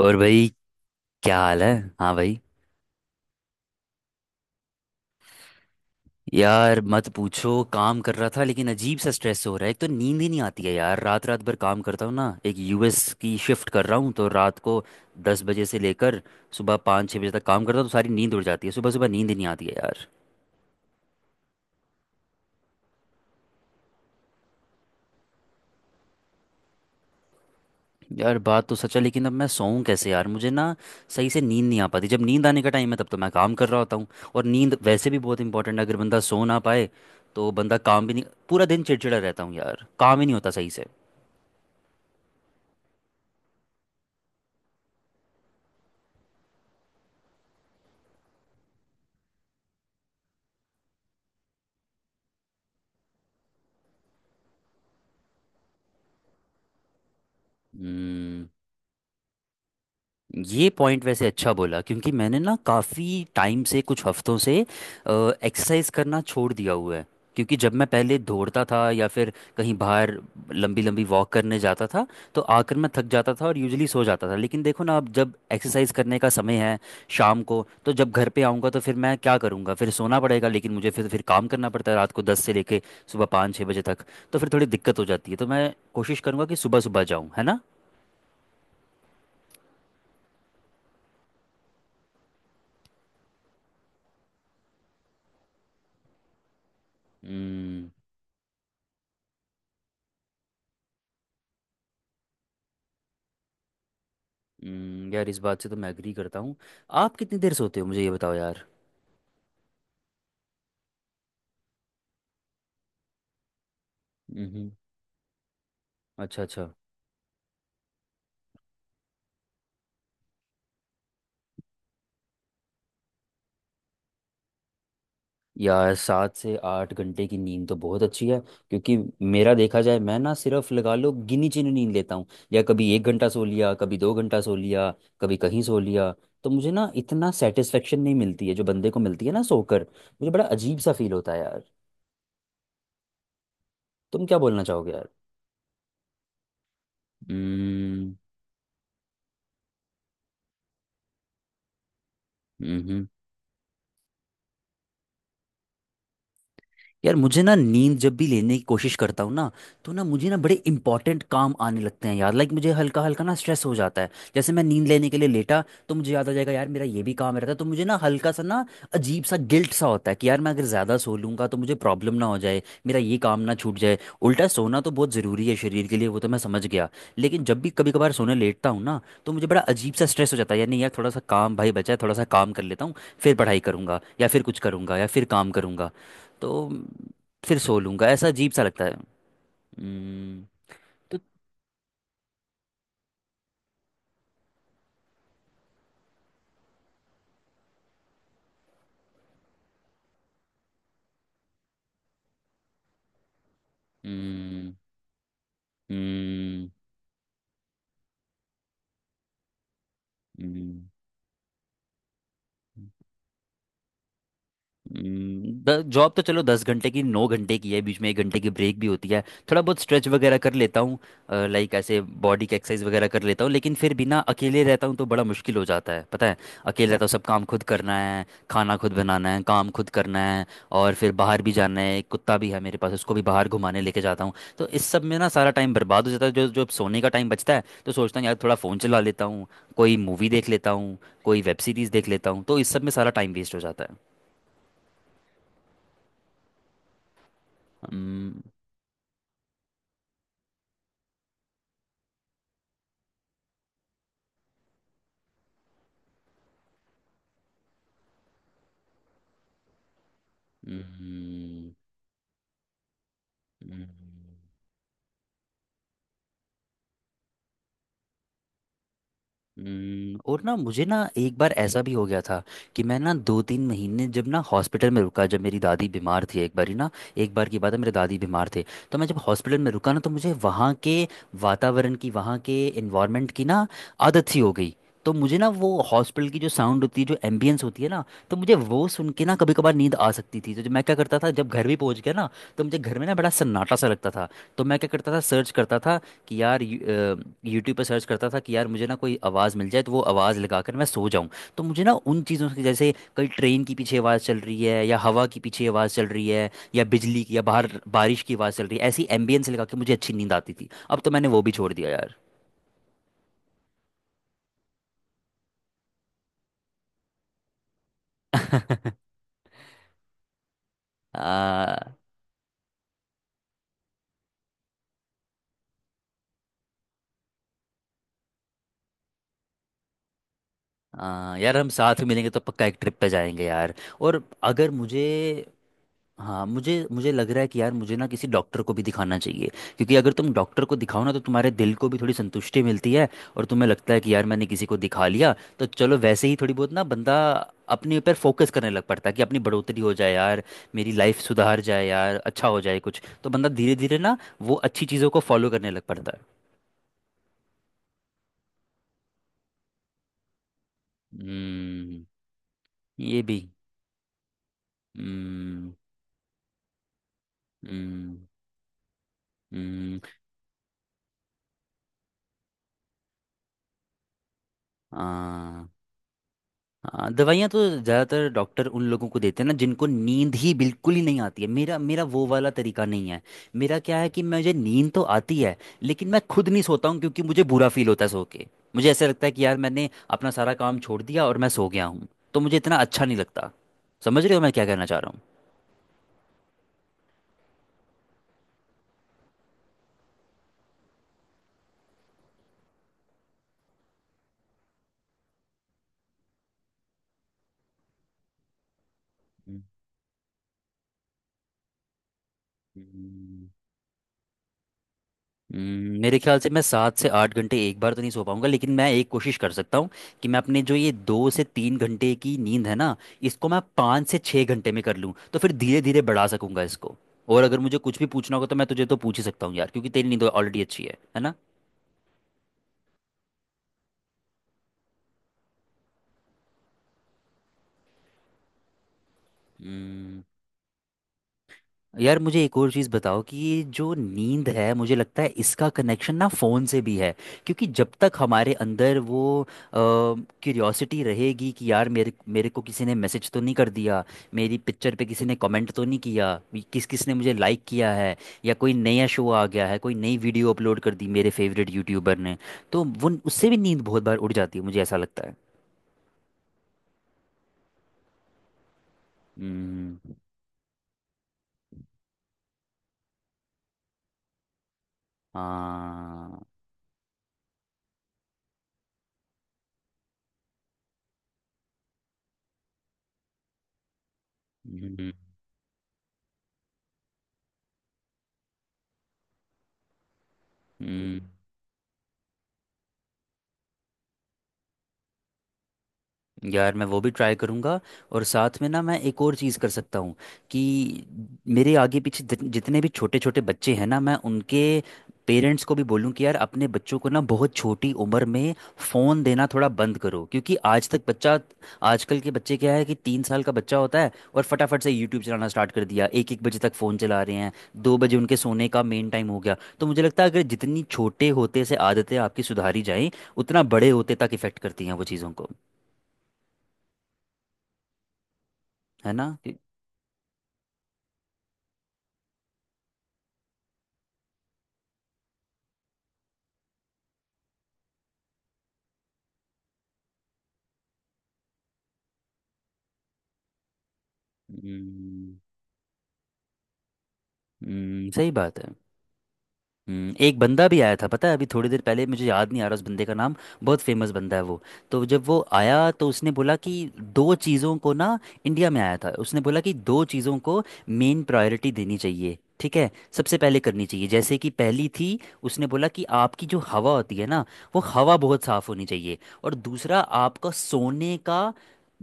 और भाई, क्या हाल है। हाँ भाई। यार मत पूछो, काम कर रहा था लेकिन अजीब सा स्ट्रेस हो रहा है। एक तो नींद ही नहीं आती है यार। रात रात भर काम करता हूँ ना, एक यूएस की शिफ्ट कर रहा हूँ तो रात को 10 बजे से लेकर सुबह 5-6 बजे तक काम करता हूँ, तो सारी नींद उड़ जाती है, सुबह सुबह नींद ही नहीं आती है यार। यार बात तो सच है, लेकिन अब मैं सोऊं कैसे यार। मुझे ना सही से नींद नहीं आ पाती, जब नींद आने का टाइम है तब तो मैं काम कर रहा होता हूँ। और नींद वैसे भी बहुत इंपॉर्टेंट है, अगर बंदा सो ना पाए तो बंदा काम भी नहीं, पूरा दिन चिड़चिड़ा रहता हूँ यार, काम ही नहीं होता सही से। हम्म। ये पॉइंट वैसे अच्छा बोला, क्योंकि मैंने ना काफ़ी टाइम से, कुछ हफ्तों से एक्सरसाइज करना छोड़ दिया हुआ है। क्योंकि जब मैं पहले दौड़ता था या फिर कहीं बाहर लंबी लंबी वॉक करने जाता था, तो आकर मैं थक जाता था और यूजली सो जाता था। लेकिन देखो ना, अब जब एक्सरसाइज करने का समय है शाम को, तो जब घर पे आऊँगा तो फिर मैं क्या करूँगा, फिर सोना पड़ेगा। लेकिन मुझे फिर काम करना पड़ता है रात को 10 से लेके सुबह 5-6 बजे तक, तो फिर थोड़ी दिक्कत हो जाती है। तो मैं कोशिश करूँगा कि सुबह सुबह जाऊँ, है ना। हम्म। यार इस बात से तो मैं एग्री करता हूँ। आप कितनी देर सोते हो, मुझे ये बताओ यार। हम्म। अच्छा अच्छा। यार 7 से 8 घंटे की नींद तो बहुत अच्छी है, क्योंकि मेरा देखा जाए मैं ना सिर्फ लगा लो गिनी चुनी नींद लेता हूँ, या कभी 1 घंटा सो लिया, कभी 2 घंटा सो लिया, कभी कहीं सो लिया। तो मुझे ना इतना सेटिस्फेक्शन नहीं मिलती है जो बंदे को मिलती है ना सोकर, मुझे बड़ा अजीब सा फील होता है यार। तुम क्या बोलना चाहोगे यार। हम्म। हम्म। यार मुझे ना नींद जब भी लेने की कोशिश करता हूँ ना, तो ना मुझे ना बड़े इंपॉर्टेंट काम आने लगते हैं यार, लाइक मुझे हल्का हल्का ना स्ट्रेस हो जाता है। जैसे मैं नींद लेने के लिए लेटा, तो मुझे याद आ जाएगा यार मेरा ये भी काम रहता है, तो मुझे ना हल्का सा ना अजीब सा गिल्ट सा होता है कि यार मैं अगर ज़्यादा सो लूंगा तो मुझे प्रॉब्लम ना हो जाए, मेरा ये काम ना छूट जाए। उल्टा सोना तो बहुत ज़रूरी है शरीर के लिए, वो तो मैं समझ गया। लेकिन जब भी कभी कभार सोने लेटता हूँ ना, तो मुझे बड़ा अजीब सा स्ट्रेस हो जाता है यार। नहीं यार, थोड़ा सा काम भाई बचा है, थोड़ा सा काम कर लेता हूँ, फिर पढ़ाई करूंगा या फिर कुछ करूंगा या फिर काम करूंगा, तो फिर सो लूंगा, ऐसा अजीब सा लगता है। हम्म। तो। हम्म। हम्म। हम्म, जॉब तो चलो 10 घंटे की, 9 घंटे की है, बीच में 1 घंटे की ब्रेक भी होती है, थोड़ा बहुत स्ट्रेच वगैरह कर लेता हूँ, लाइक ऐसे बॉडी की एक्सरसाइज वगैरह कर लेता हूँ। लेकिन फिर भी ना अकेले रहता हूँ तो बड़ा मुश्किल हो जाता है, पता है। अकेले रहता हूँ, सब काम खुद करना है, खाना खुद बनाना है, काम खुद करना है, और फिर बाहर भी जाना है, एक कुत्ता भी है मेरे पास, उसको भी बाहर घुमाने लेके जाता हूँ, तो इस सब में ना सारा टाइम बर्बाद हो जाता है। जो जो सोने का टाइम बचता है तो सोचता हूँ यार थोड़ा फ़ोन चला लेता हूँ, कोई मूवी देख लेता हूँ, कोई वेब सीरीज़ देख लेता हूँ, तो इस सब में सारा टाइम वेस्ट हो जाता है। हम्म। हम्म। हम्म। हम्म। और ना मुझे ना एक बार ऐसा भी हो गया था, कि मैं ना 2-3 महीने जब ना हॉस्पिटल में रुका, जब मेरी दादी बीमार थी, एक बार ही ना, एक बार की बात है, मेरे दादी बीमार थे, तो मैं जब हॉस्पिटल में रुका ना, तो मुझे वहाँ के वातावरण की, वहाँ के इन्वायरमेंट की ना आदत सी हो गई। तो मुझे ना वो हॉस्पिटल की जो साउंड होती है, जो एम्बियंस होती है ना, तो मुझे वो सुन के ना कभी कभार नींद आ सकती थी। तो जब मैं क्या करता था, जब घर भी पहुंच गया ना, तो मुझे घर में ना बड़ा सन्नाटा सा लगता था। तो मैं क्या करता था, सर्च करता था कि यार, यूट्यूब पे सर्च करता था कि यार मुझे ना कोई आवाज़ मिल जाए तो वो आवाज़ लगाकर मैं सो जाऊं। तो मुझे ना उन चीज़ों की, जैसे कहीं ट्रेन की पीछे आवाज़ चल रही है, या हवा की पीछे आवाज़ चल रही है या बिजली की, या बाहर बारिश की आवाज़ चल रही है, ऐसी एम्बियंस लगा के मुझे अच्छी नींद आती थी। अब तो मैंने वो भी छोड़ दिया यार। आ, यार हम साथ में मिलेंगे तो पक्का एक ट्रिप पे जाएंगे यार। और अगर मुझे, हाँ मुझे, मुझे लग रहा है कि यार मुझे ना किसी डॉक्टर को भी दिखाना चाहिए, क्योंकि अगर तुम डॉक्टर को दिखाओ ना तो तुम्हारे दिल को भी थोड़ी संतुष्टि मिलती है, और तुम्हें लगता है कि यार मैंने किसी को दिखा लिया, तो चलो वैसे ही थोड़ी बहुत ना बंदा अपने ऊपर फोकस करने लग पड़ता है, कि अपनी बढ़ोतरी हो जाए यार, मेरी लाइफ सुधार जाए यार, अच्छा हो जाए कुछ, तो बंदा धीरे धीरे ना वो अच्छी चीज़ों को फॉलो करने लग पड़ता है। हम्म। ये भी। हम्म। हम्म। हम्म। हाँ। हाँ, दवाइयाँ तो ज़्यादातर डॉक्टर उन लोगों को देते हैं ना जिनको नींद ही बिल्कुल ही नहीं आती है। मेरा मेरा वो वाला तरीका नहीं है। मेरा क्या है कि मुझे नींद तो आती है, लेकिन मैं खुद नहीं सोता हूँ क्योंकि मुझे बुरा फील होता है सो के। मुझे ऐसा लगता है कि यार मैंने अपना सारा काम छोड़ दिया और मैं सो गया हूँ, तो मुझे इतना अच्छा नहीं लगता। समझ रहे हो मैं क्या कहना चाह रहा हूँ। हम्म। मेरे ख्याल से मैं 7 से 8 घंटे एक बार तो नहीं सो पाऊंगा, लेकिन मैं एक कोशिश कर सकता हूँ कि मैं अपने जो ये 2 से 3 घंटे की नींद है ना, इसको मैं 5 से 6 घंटे में कर लूँ, तो फिर धीरे धीरे बढ़ा सकूंगा इसको। और अगर मुझे कुछ भी पूछना होगा तो मैं तुझे तो पूछ ही सकता हूँ यार, क्योंकि तेरी नींद ऑलरेडी अच्छी है ना। हम्म। यार मुझे एक और चीज़ बताओ, कि ये जो नींद है, मुझे लगता है इसका कनेक्शन ना फ़ोन से भी है। क्योंकि जब तक हमारे अंदर वो क्यूरियोसिटी रहेगी कि यार मेरे मेरे को किसी ने मैसेज तो नहीं कर दिया, मेरी पिक्चर पे किसी ने कमेंट तो नहीं किया, किस किस ने मुझे लाइक किया है, या कोई नया शो आ गया है, कोई नई वीडियो अपलोड कर दी मेरे फेवरेट यूट्यूबर ने, तो वो उससे भी नींद बहुत बार उड़ जाती है, मुझे ऐसा लगता है। हम्म। हाँ। हम्म। हम्म। यार मैं वो भी ट्राई करूँगा, और साथ में ना मैं एक और चीज़ कर सकता हूँ, कि मेरे आगे पीछे जितने भी छोटे छोटे बच्चे हैं ना, मैं उनके पेरेंट्स को भी बोलूँ कि यार अपने बच्चों को ना बहुत छोटी उम्र में फ़ोन देना थोड़ा बंद करो, क्योंकि आज तक बच्चा, आजकल के बच्चे क्या है, कि 3 साल का बच्चा होता है और फटाफट से यूट्यूब चलाना स्टार्ट कर दिया, एक एक बजे तक फ़ोन चला रहे हैं, 2 बजे उनके सोने का मेन टाइम हो गया। तो मुझे लगता है अगर जितनी छोटे होते से आदतें आपकी सुधारी जाएं, उतना बड़े होते तक इफ़ेक्ट करती हैं वो चीज़ों को, है ना। हम्म। सही बात है। एक बंदा भी आया था पता है, अभी थोड़ी देर पहले, मुझे याद नहीं आ रहा उस बंदे का नाम, बहुत फेमस बंदा है वो, तो जब वो आया तो उसने बोला कि दो चीज़ों को ना, इंडिया में आया था, उसने बोला कि दो चीज़ों को मेन प्रायोरिटी देनी चाहिए, ठीक है, सबसे पहले करनी चाहिए। जैसे कि पहली थी, उसने बोला कि आपकी जो हवा होती है ना, वो हवा बहुत साफ़ होनी चाहिए। और दूसरा आपका सोने का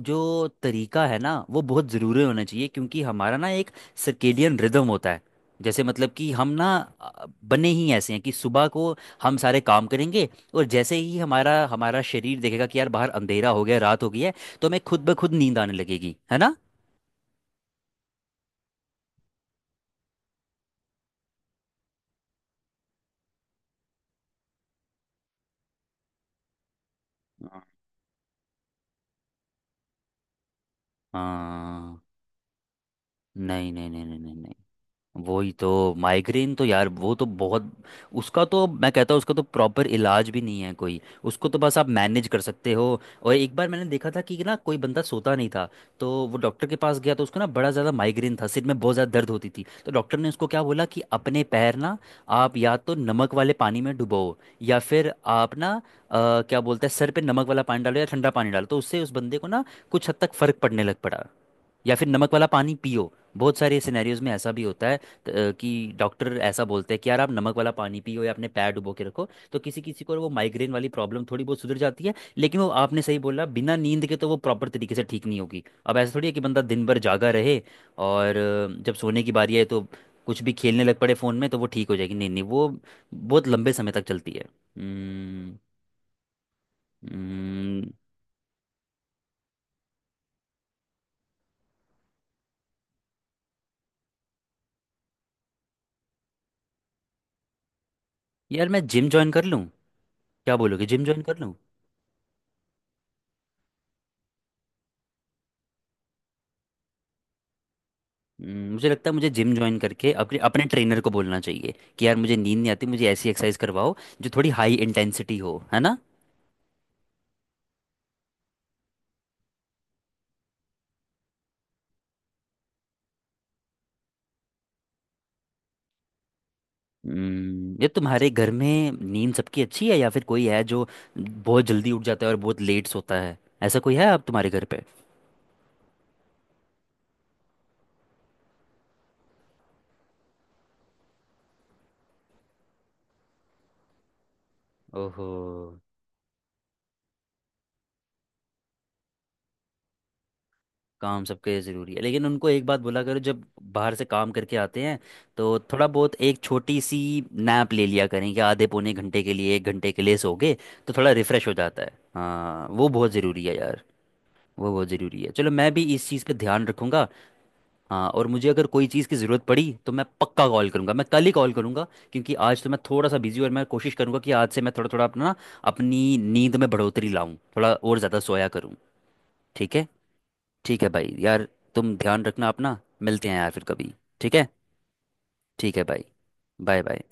जो तरीका है ना, वो बहुत ज़रूरी होना चाहिए, क्योंकि हमारा ना एक सर्केडियन रिदम होता है। जैसे मतलब कि हम ना बने ही ऐसे हैं कि सुबह को हम सारे काम करेंगे, और जैसे ही हमारा हमारा शरीर देखेगा कि यार बाहर अंधेरा हो गया, रात हो गई है, तो हमें खुद ब खुद नींद आने लगेगी, है ना। हाँ। हाँ। नहीं नहीं नहीं नहीं नहीं, वही तो। माइग्रेन तो यार वो तो बहुत, उसका तो मैं कहता हूँ उसका तो प्रॉपर इलाज भी नहीं है कोई, उसको तो बस आप मैनेज कर सकते हो। और एक बार मैंने देखा था कि ना कोई बंदा सोता नहीं था, तो वो डॉक्टर के पास गया, तो उसको ना बड़ा ज़्यादा माइग्रेन था, सिर में बहुत ज़्यादा दर्द होती थी, तो डॉक्टर ने उसको क्या बोला, कि अपने पैर ना आप या तो नमक वाले पानी में डुबो, या फिर आप ना क्या बोलते हैं, सर पे नमक वाला पानी डालो या ठंडा पानी डालो, तो उससे उस बंदे को ना कुछ हद तक फ़र्क पड़ने लग पड़ा। या फिर नमक वाला पानी पियो, बहुत सारे सिनेरियोज में ऐसा भी होता है कि डॉक्टर ऐसा बोलते हैं कि यार आप नमक वाला पानी पियो या अपने पैर डुबो के रखो, तो किसी किसी को वो माइग्रेन वाली प्रॉब्लम थोड़ी बहुत सुधर जाती है। लेकिन वो आपने सही बोला, बिना नींद के तो वो प्रॉपर तरीके से ठीक नहीं होगी। अब ऐसा थोड़ी है कि बंदा दिन भर जागा रहे और जब सोने की बारी आए तो कुछ भी खेलने लग पड़े फ़ोन में तो वो ठीक हो जाएगी, नहीं नहीं, वो बहुत लंबे समय तक चलती है। हम्म। हम्म, यार मैं जिम ज्वाइन कर लूँ, क्या बोलोगे, जिम ज्वाइन कर लूँ। मुझे लगता है मुझे जिम ज्वाइन करके अपने अपने ट्रेनर को बोलना चाहिए कि यार मुझे नींद नहीं आती, मुझे ऐसी एक्सरसाइज करवाओ जो थोड़ी हाई इंटेंसिटी हो, है ना। ये तुम्हारे घर में नींद सबकी अच्छी है, या फिर कोई है जो बहुत जल्दी उठ जाता है और बहुत लेट सोता है, ऐसा कोई है आप तुम्हारे घर पे। ओहो। काम सबके ज़रूरी है, लेकिन उनको एक बात बोला करो, जब बाहर से काम करके आते हैं तो थोड़ा बहुत एक छोटी सी नैप ले लिया करें, कि आधे पौने घंटे के लिए, 1 घंटे के लिए सो गए तो थोड़ा रिफ़्रेश हो जाता है, हाँ वो बहुत ज़रूरी है यार। वो बहुत ज़रूरी है। चलो मैं भी इस चीज़ पे ध्यान रखूंगा। हाँ, और मुझे अगर कोई चीज़ की ज़रूरत पड़ी तो मैं पक्का कॉल करूंगा, मैं कल ही कॉल करूंगा, क्योंकि आज तो मैं थोड़ा सा बिजी हूं। और मैं कोशिश करूंगा कि आज से मैं थोड़ा थोड़ा अपना अपनी नींद में बढ़ोतरी लाऊं, थोड़ा और ज़्यादा सोया करूं। ठीक है। ठीक है भाई यार, तुम ध्यान रखना अपना, मिलते हैं यार फिर कभी। ठीक है। ठीक है भाई। Bye bye.